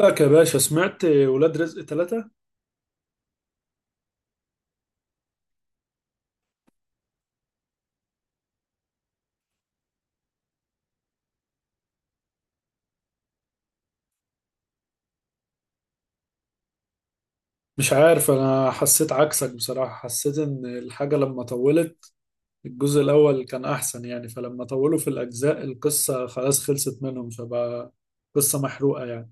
لك يا باشا، سمعت ولاد رزق ثلاثة؟ مش عارف، انا حسيت عكسك بصراحة. حسيت ان الحاجة لما طولت الجزء الاول كان احسن، يعني فلما طولوا في الاجزاء القصة خلاص خلصت منهم، فبقى قصة محروقة يعني.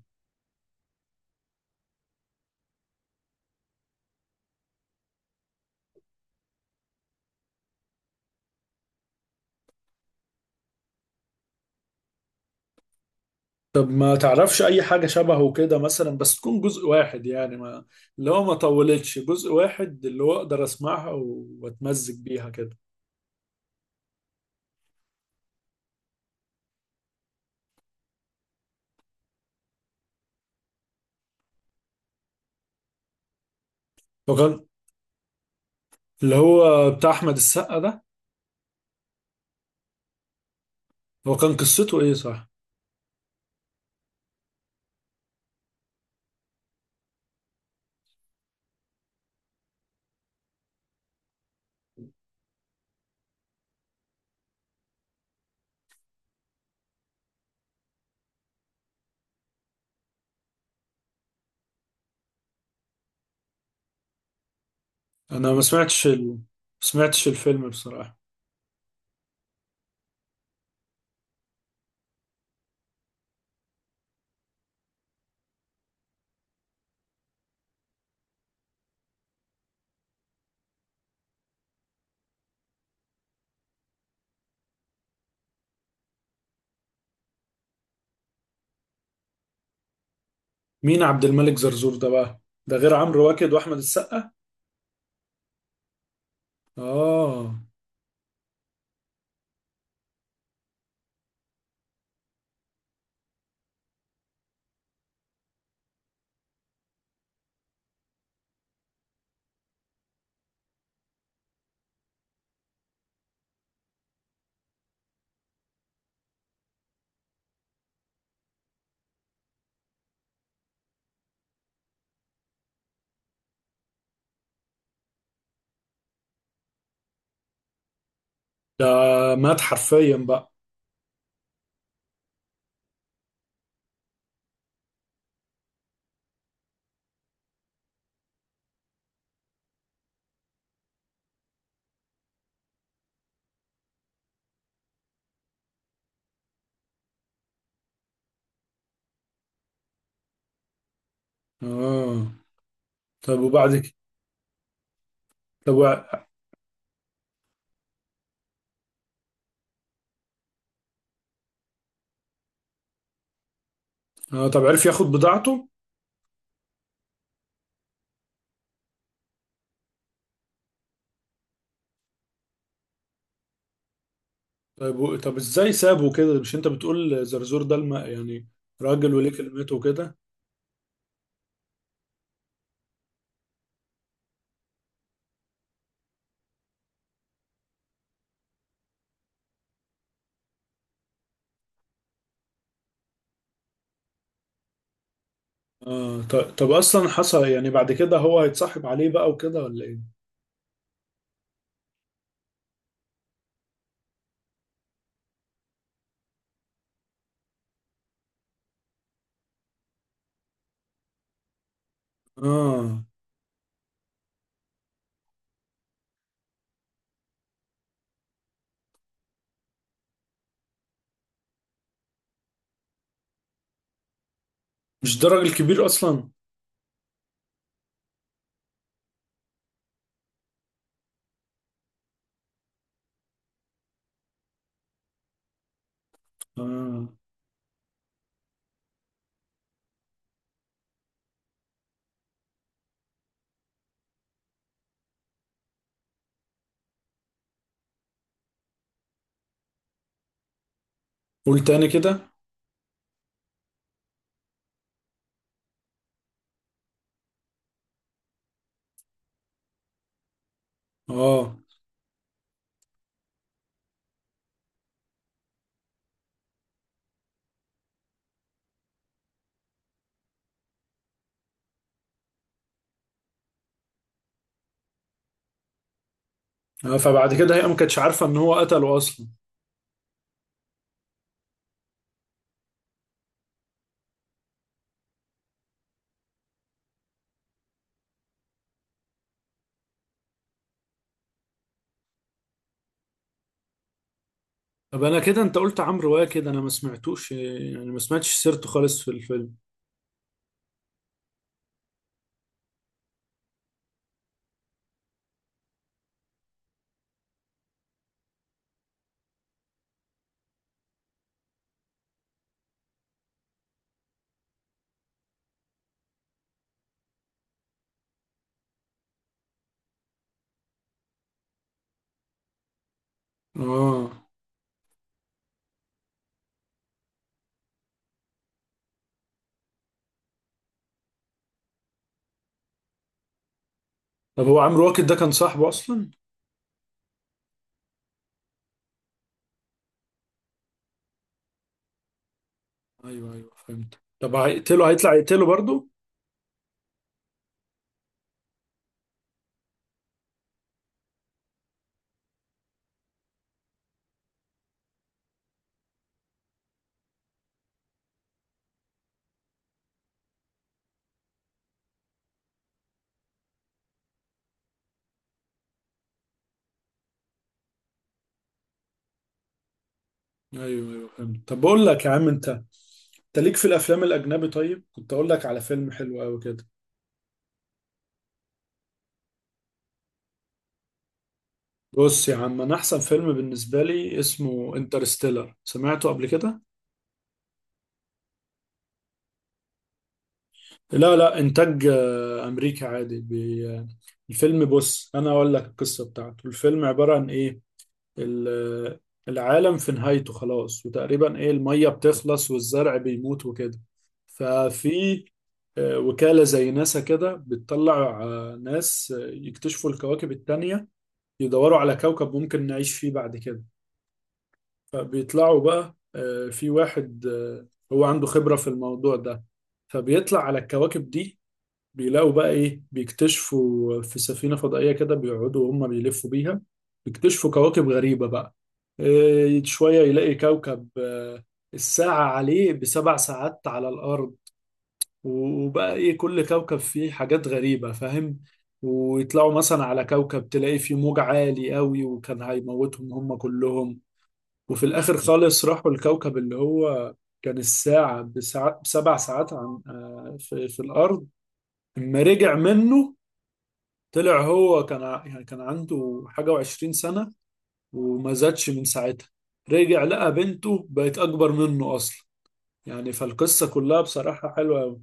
طب ما تعرفش اي حاجة شبهه كده مثلا، بس تكون جزء واحد، يعني ما، اللي هو ما طولتش، جزء واحد اللي هو اقدر اسمعها واتمزج بيها كده. وكان اللي هو بتاع احمد السقا ده، هو كان قصته ايه، صح؟ انا ما سمعتش الفيلم بصراحة. مين عبد الملك زرزور ده بقى؟ ده غير عمرو واكد واحمد السقا. اه، ده مات حرفيا بقى؟ اه، طب وبعد كده؟ طب وع... آه طب عرف ياخد بضاعته؟ طب ازاي سابه كده؟ مش انت بتقول زرزور ده يعني راجل وليه كلمته وكده؟ اه، طب اصلا حصل يعني بعد كده هو هيتصاحب عليه بقى وكده، ولا ايه؟ اه، مش ده راجل كبير اصلا؟ اه، قول تاني كده. اه. فبعد كده هي ما كانتش عارفه ان هو قتله اصلا؟ طب انا كده، انت قلت عمرو واكد انا ما سمعتوش، يعني ما سمعتش سيرته خالص في الفيلم. اه، طب هو عمرو واكد ده كان صاحبه اصلا؟ ايوه ايوه، فهمت. طب هيقتله، هيطلع يقتله برضه؟ ايوه ايوه، فهمت. طب بقول لك يا عم، انت انت ليك في الافلام الاجنبي؟ طيب كنت اقول لك على فيلم حلو قوي كده. بص يا عم، انا احسن فيلم بالنسبه لي اسمه انترستيلر، سمعته قبل كده؟ لا لا، انتاج امريكا عادي. بي... آه، الفيلم، بص انا اقول لك القصه بتاعته، الفيلم عباره عن ايه. ال... آه، العالم في نهايته خلاص، وتقريبا ايه، الميه بتخلص والزرع بيموت وكده. ففي وكاله زي ناسا كده بتطلع ناس يكتشفوا الكواكب التانيه، يدوروا على كوكب ممكن نعيش فيه بعد كده. فبيطلعوا بقى، في واحد هو عنده خبره في الموضوع ده، فبيطلع على الكواكب دي. بيلاقوا بقى ايه، بيكتشفوا في سفينة فضائية كده، بيقعدوا وهم بيلفوا بيها، بيكتشفوا كواكب غريبة بقى. إيه، شوية يلاقي كوكب الساعة عليه بسبع ساعات على الأرض، وبقى ايه، كل كوكب فيه حاجات غريبة، فاهم؟ ويطلعوا مثلا على كوكب تلاقي فيه موج عالي قوي، وكان هيموتهم هم كلهم. وفي الآخر خالص راحوا الكوكب اللي هو كان الساعة بسبع ساعات عن في الأرض، اما رجع منه طلع، هو كان يعني كان عنده حاجة وعشرين سنة وما زادش من ساعتها. رجع لقى بنته بقت أكبر منه أصلا، يعني فالقصة كلها بصراحة حلوة أوي.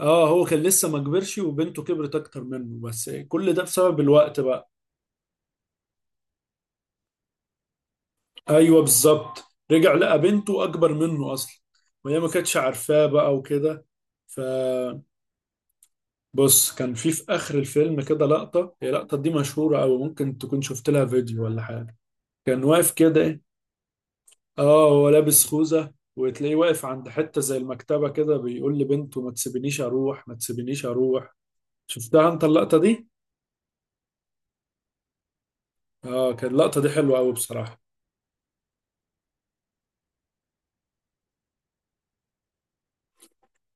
آه، هو كان لسه ما كبرش، وبنته كبرت أكتر منه، بس كل ده بسبب الوقت بقى. أيوه، بالظبط، رجع لقى بنته أكبر منه أصلا، وهي ما كانتش عارفاه بقى وكده. فبص، كان في، في آخر الفيلم كده لقطة، هي اللقطة دي مشهورة أوي، ممكن تكون شفت لها فيديو ولا حاجة. كان واقف كده. اه، هو لابس خوذة، وتلاقيه واقف عند حتة زي المكتبة كده، بيقول لبنته: ما تسيبنيش اروح، ما تسيبنيش اروح. شفتها انت اللقطة دي؟ اه، كانت اللقطة دي حلوة قوي بصراحة.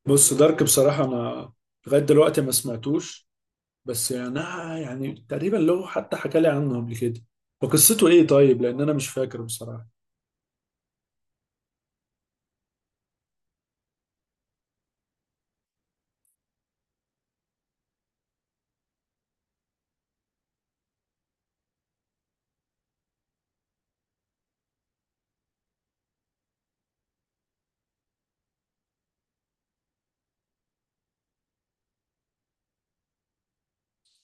بص، دارك بصراحة انا لغاية دلوقتي ما سمعتوش، بس يعني يعني تقريبا، لو حتى حكى لي عنه قبل كده وقصته ايه طيب، لان انا مش فاكر بصراحة.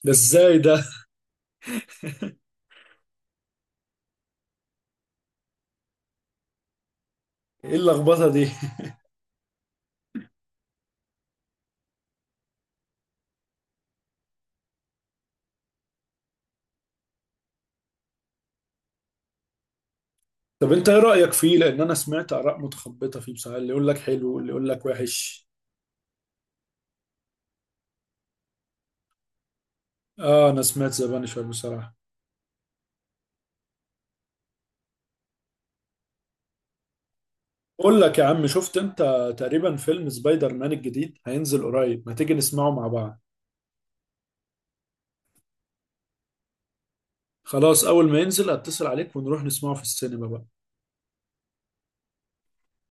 ده ازاي ده؟ ايه اللخبطة دي؟ طب انت ايه رأيك فيه؟ لان انا سمعت اراء متخبطة فيه بصراحة، اللي يقول لك حلو واللي يقول لك وحش. اه، انا سمعت ذا بانشر بصراحة. بقول لك يا عم، شفت انت تقريبا فيلم سبايدر مان الجديد هينزل قريب؟ ما تيجي نسمعه مع بعض. خلاص، اول ما ينزل اتصل عليك ونروح نسمعه في السينما بقى.